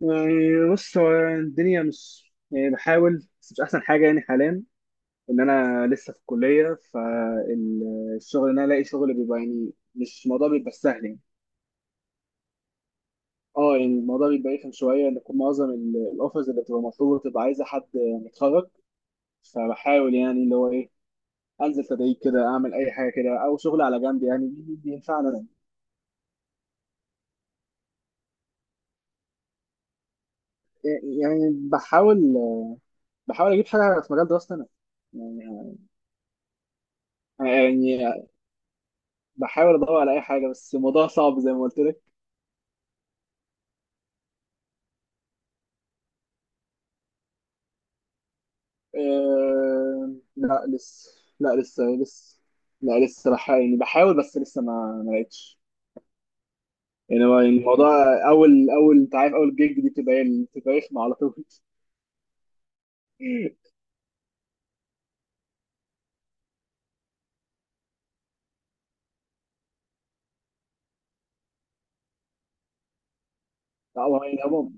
يعني بص، هو الدنيا مش، يعني بحاول بس مش احسن حاجه يعني حاليا. انا لسه في الكليه، فالشغل ان انا الاقي شغل بيبقى، يعني مش الموضوع بيبقى سهل يعني. اه يعني الموضوع بيبقى رخم شويه، ان يكون معظم الاوفرز اللي بتبقى مطلوبه بتبقى عايزه حد متخرج. فبحاول يعني اللي هو ايه، انزل تدريب كده، اعمل اي حاجه كده او شغل على جنب، يعني بينفعنا أنا. يعني بحاول، بحاول اجيب حاجه في مجال دراستي انا. يعني بحاول ادور على اي حاجه، بس الموضوع صعب زي ما قلت لك. لا لسه. لا لسه لسه. لا لسه يعني بحاول، بس لسه ما لقيتش. يعني هو الموضوع، اول انت عارف، اول جيج دي بتبقى ايه، بتبقى رخمه على طول. لا، هو يعني عموما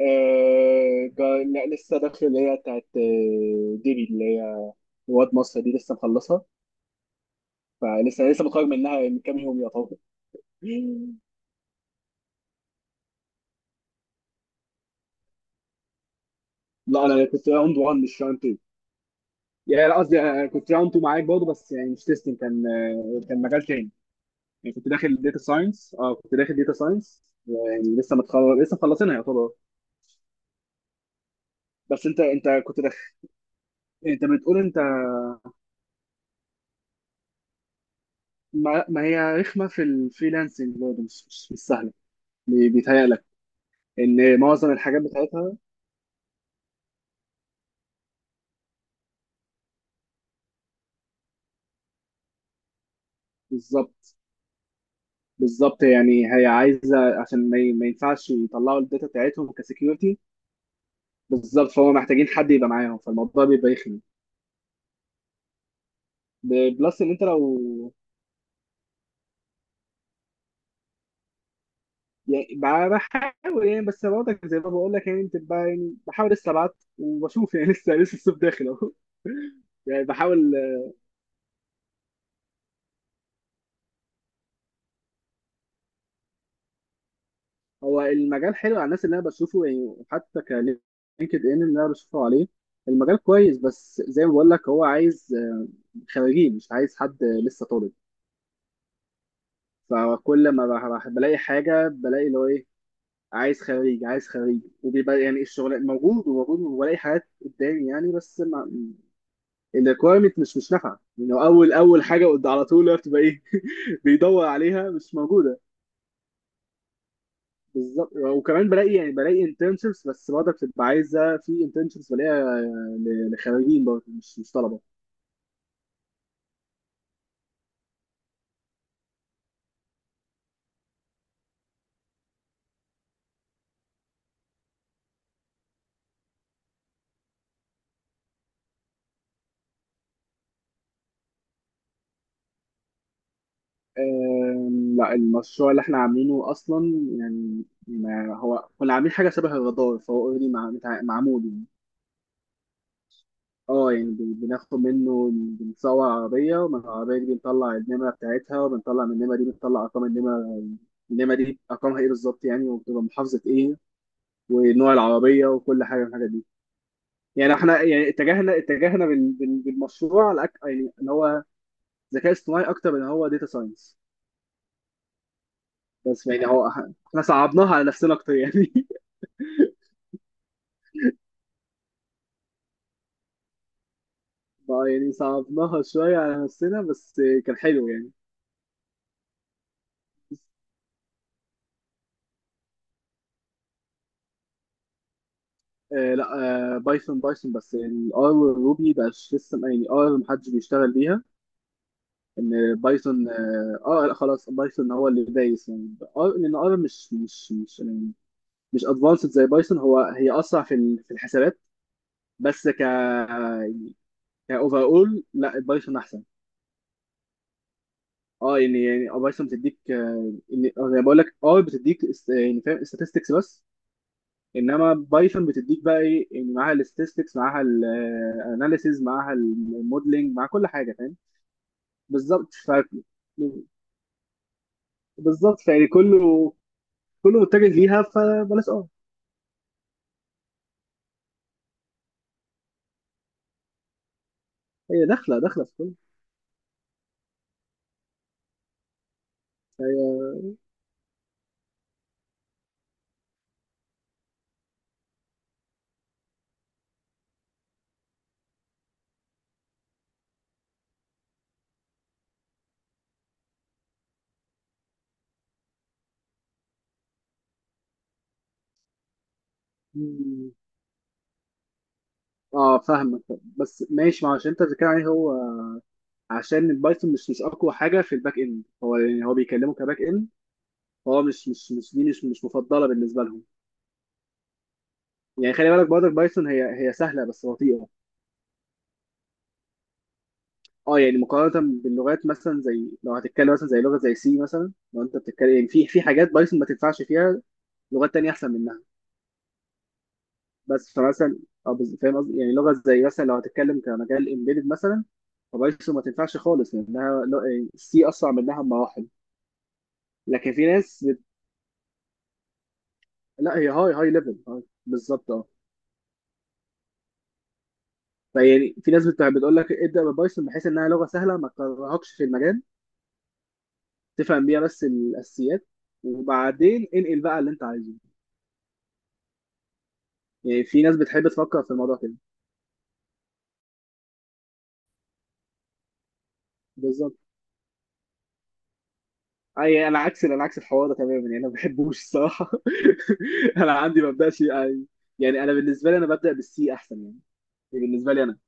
لا لسه داخل اللي هي بتاعت ديبي، اللي هي رواد مصر دي لسه مخلصها. فلسه لسه متخرج منها من كام يوم يعتبر. لا انا كنت راوند 1 مش راوند. يعني لا قصدي، كنت راوند 2 معاك برضه، بس يعني مش تيستنج، كان كان مجال تاني. يعني كنت داخل داتا ساينس. اه كنت داخل داتا ساينس، يعني لسه متخرج، لسه مخلصينها يعتبر. بس انت كنت داخل. انت بتقول انت. ما هي رخمه في الفريلانسنج برضه، مش مش سهله. بيتهيألك ان معظم الحاجات بتاعتها بالظبط. بالظبط يعني هي عايزه، عشان ما ينفعش يطلعوا الداتا بتاعتهم كسكيورتي. بالظبط، فهو محتاجين حد يبقى معاهم، فالموضوع بيبقى يخنق. بلس ان انت لو، يعني بحاول يعني، بس برضك زي ما بقول لك، يعني بتبقى، يعني بحاول لسه ابعت وبشوف يعني. لسه لسه الصيف داخل اهو. يعني بحاول. هو المجال حلو على الناس اللي انا بشوفه، يعني حتى كلينكد ان اللي انا بشوفه عليه المجال كويس، بس زي ما بقول لك هو عايز خريجين، مش عايز حد لسه طالب. فكل ما بلاقي حاجه بلاقي اللي هو ايه، عايز خريج، عايز خريج، وبيبقى يعني الشغل موجود وموجود، وبلاقي حاجات قدامي يعني، بس الريكويرمنت مش نافعه. لانه اول حاجه قد على طول هو بتبقى ايه، بيدور عليها مش موجوده. بالظبط. وكمان بلاقي يعني بلاقي انترنشيبس، بس برضه بتبقى عايزه، في انترنشيبس بلاقيها لخريجين برضه، مش طلبه. لا المشروع اللي احنا عاملينه اصلا، يعني ما هو كنا عاملين حاجه شبه الرادار، فهو اوريدي معمول. اه يعني بناخد منه، بنصور عربية، ومن العربية دي بنطلع النمرة بتاعتها، وبنطلع من النمرة دي بنطلع أرقام النمرة. النمرة دي أرقامها إيه بالظبط يعني، وبتبقى محافظة إيه، ونوع العربية، وكل حاجة من الحاجات دي. يعني إحنا يعني اتجهنا بالمشروع على يعني إن هو ذكاء اصطناعي أكتر من هو داتا ساينس. بس يعني هو إحنا صعبناها على نفسنا أكتر يعني. بقى يعني صعبناها شوية على نفسنا، بس كان حلو يعني. آه لا. آه بايثون. بايثون بس، الار والروبي بقاش لسه يعني. ار محدش بيشتغل بيها. ان بايثون اه لا خلاص، بايثون هو اللي دايس يعني. ار، لان ار مش يعني مش ادفانسد زي بايثون. هو هي اسرع في في الحسابات، بس ك يعني كاوفر اول لا بايثون احسن. اه يعني، يعني بايثون بتديك يعني زي ما بقول لك ار بتديك يعني فاهم statistics بس. انما بايثون بتديك بقى ايه يعني، معاها الاستاتستكس، معاها الاناليسيز، معاها الموديلنج، مع كل حاجه، فاهم. بالظبط. بالظبط يعني كله، كله متجه ليها، فبلاش اه. هي داخله، داخله في كله. هي مم. اه فاهمك. بس ماشي، ما عشان انت بتتكلم عليه هو، عشان البايثون مش اقوى حاجه في الباك اند. هو يعني هو بيكلمه كباك اند، هو مش دي، مش مفضله بالنسبه لهم. يعني خلي بالك برضك بايثون، هي سهله بس بطيئه. اه يعني مقارنة باللغات، مثلا زي لو هتتكلم مثلا زي لغة زي سي مثلا. لو انت بتتكلم يعني، في حاجات بايثون ما تنفعش فيها، لغات تانية احسن منها. بس فمثلا اه فاهم قصدي، يعني لغة زي مثلا لو هتتكلم كمجال امبيدد مثلا، فبايثون ما تنفعش خالص، لانها سي اسرع منها بمراحل. لكن في ناس بت... لا هي هاي ليفل. بالظبط اه. فيعني في ناس بت... بتقول لك ابدا ببايثون، بحيث انها لغة سهلة ما تكرهكش في المجال، تفهم بيها بس الاساسيات، وبعدين انقل بقى اللي انت عايزه. يعني في ناس بتحب تفكر في الموضوع كده. بالظبط. اي يعني انا عكس، انا عكس الحوار ده تماما. يعني انا ما بحبوش الصراحه. انا عندي ما ببداش يعني. يعني انا بالنسبه لي انا ببدا بالسي احسن يعني. دي بالنسبه لي انا.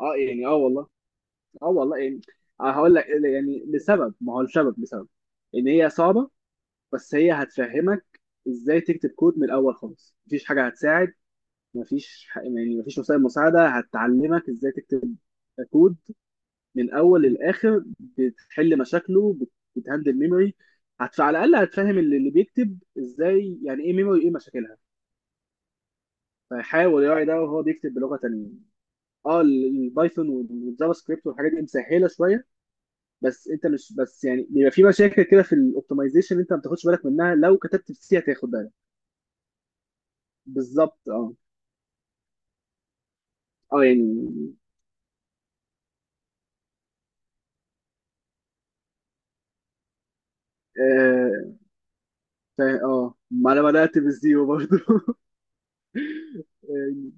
اه يعني اه والله. اه والله يعني، آه هقول لك يعني لسبب. ما هو السبب، لسبب ان هي صعبه، بس هي هتفهمك ازاي تكتب كود من الاول خالص. مفيش حاجه هتساعد، يعني مفيش وسائل مساعده هتعلمك ازاي تكتب كود من اول للاخر، بتحل مشاكله، بتهندل ميموري. على الاقل هتفهم اللي بيكتب ازاي، يعني ايه ميموري، ايه مشاكلها. فيحاول يراعي ده وهو بيكتب بلغه تانيه. اه البايثون والجافا سكريبت والحاجات دي مسهله شويه، بس انت مش بس يعني بيبقى في مشاكل كده في الاوبتمايزيشن انت ما بتاخدش بالك منها، لو كتبت في سي هتاخد بالك. بالظبط اه اه يعني اه. اه ما انا بدات بالزيرو برضه. يعني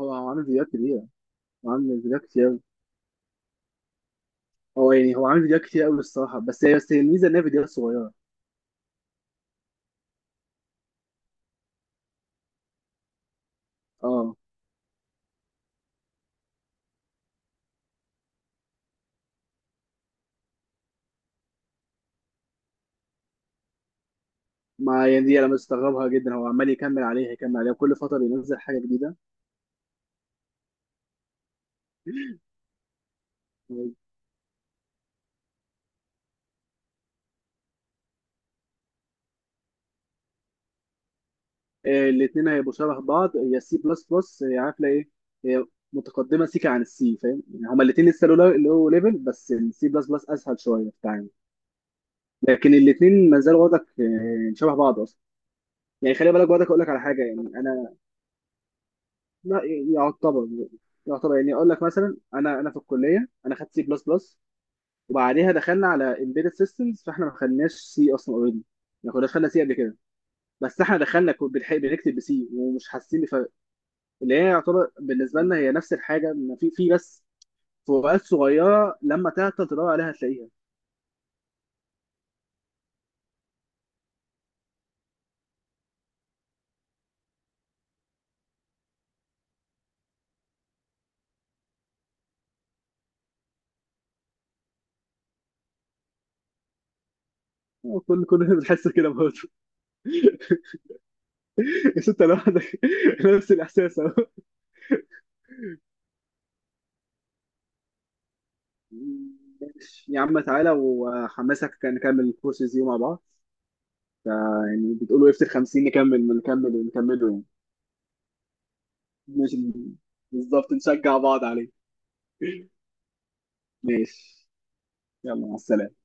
هو عامل فيديوهات كبيره. عامل فيديوهات كتير. هو يعني هو عامل فيديوهات كتير قوي الصراحه، بس هي الميزه ان هي فيديوهات صغيره. اه ما يعني دي انا مستغربها جدا، هو عمال يكمل عليها، يكمل عليها، وكل فتره بينزل حاجه جديده. الاثنين هيبقوا شبه بعض. هي سي بلس بلس، عارفه ايه، هي متقدمه سيكا عن السي، فاهم يعني. هما الاثنين لسه، لو ليفل، بس السي بلس بلس اسهل شويه في التعامل. لكن الاثنين ما زالوا وضعك شبه بعض اصلا. يعني خلي بالك، وضعك اقول لك على حاجه، يعني انا، لا. يعتبر، يعتبر يعني. اقول لك مثلا، انا في الكليه انا خدت سي بلس بلس، وبعديها دخلنا على embedded systems، فاحنا ما خدناش سي اصلا اوريدي، ما كناش خدنا سي قبل كده. بس احنا دخلنا بنكتب بسي ومش حاسين بفرق. اللي هي يعتبر بالنسبه لنا هي نفس الحاجه، إن في بس فروقات صغيره، لما تعطل تدور عليها هتلاقيها. كلنا بنحس كده برضه. بس انت لوحدك. نفس الاحساس اهو. ماشي يا عم، تعالى وحمسك، كان نكمل الكورسز دي مع بعض. يعني بتقولوا افتر 50 نكمل، نكمل ونكمله يعني. ماشي. بالظبط، نشجع بعض عليه. ماشي. يلا مع السلامة.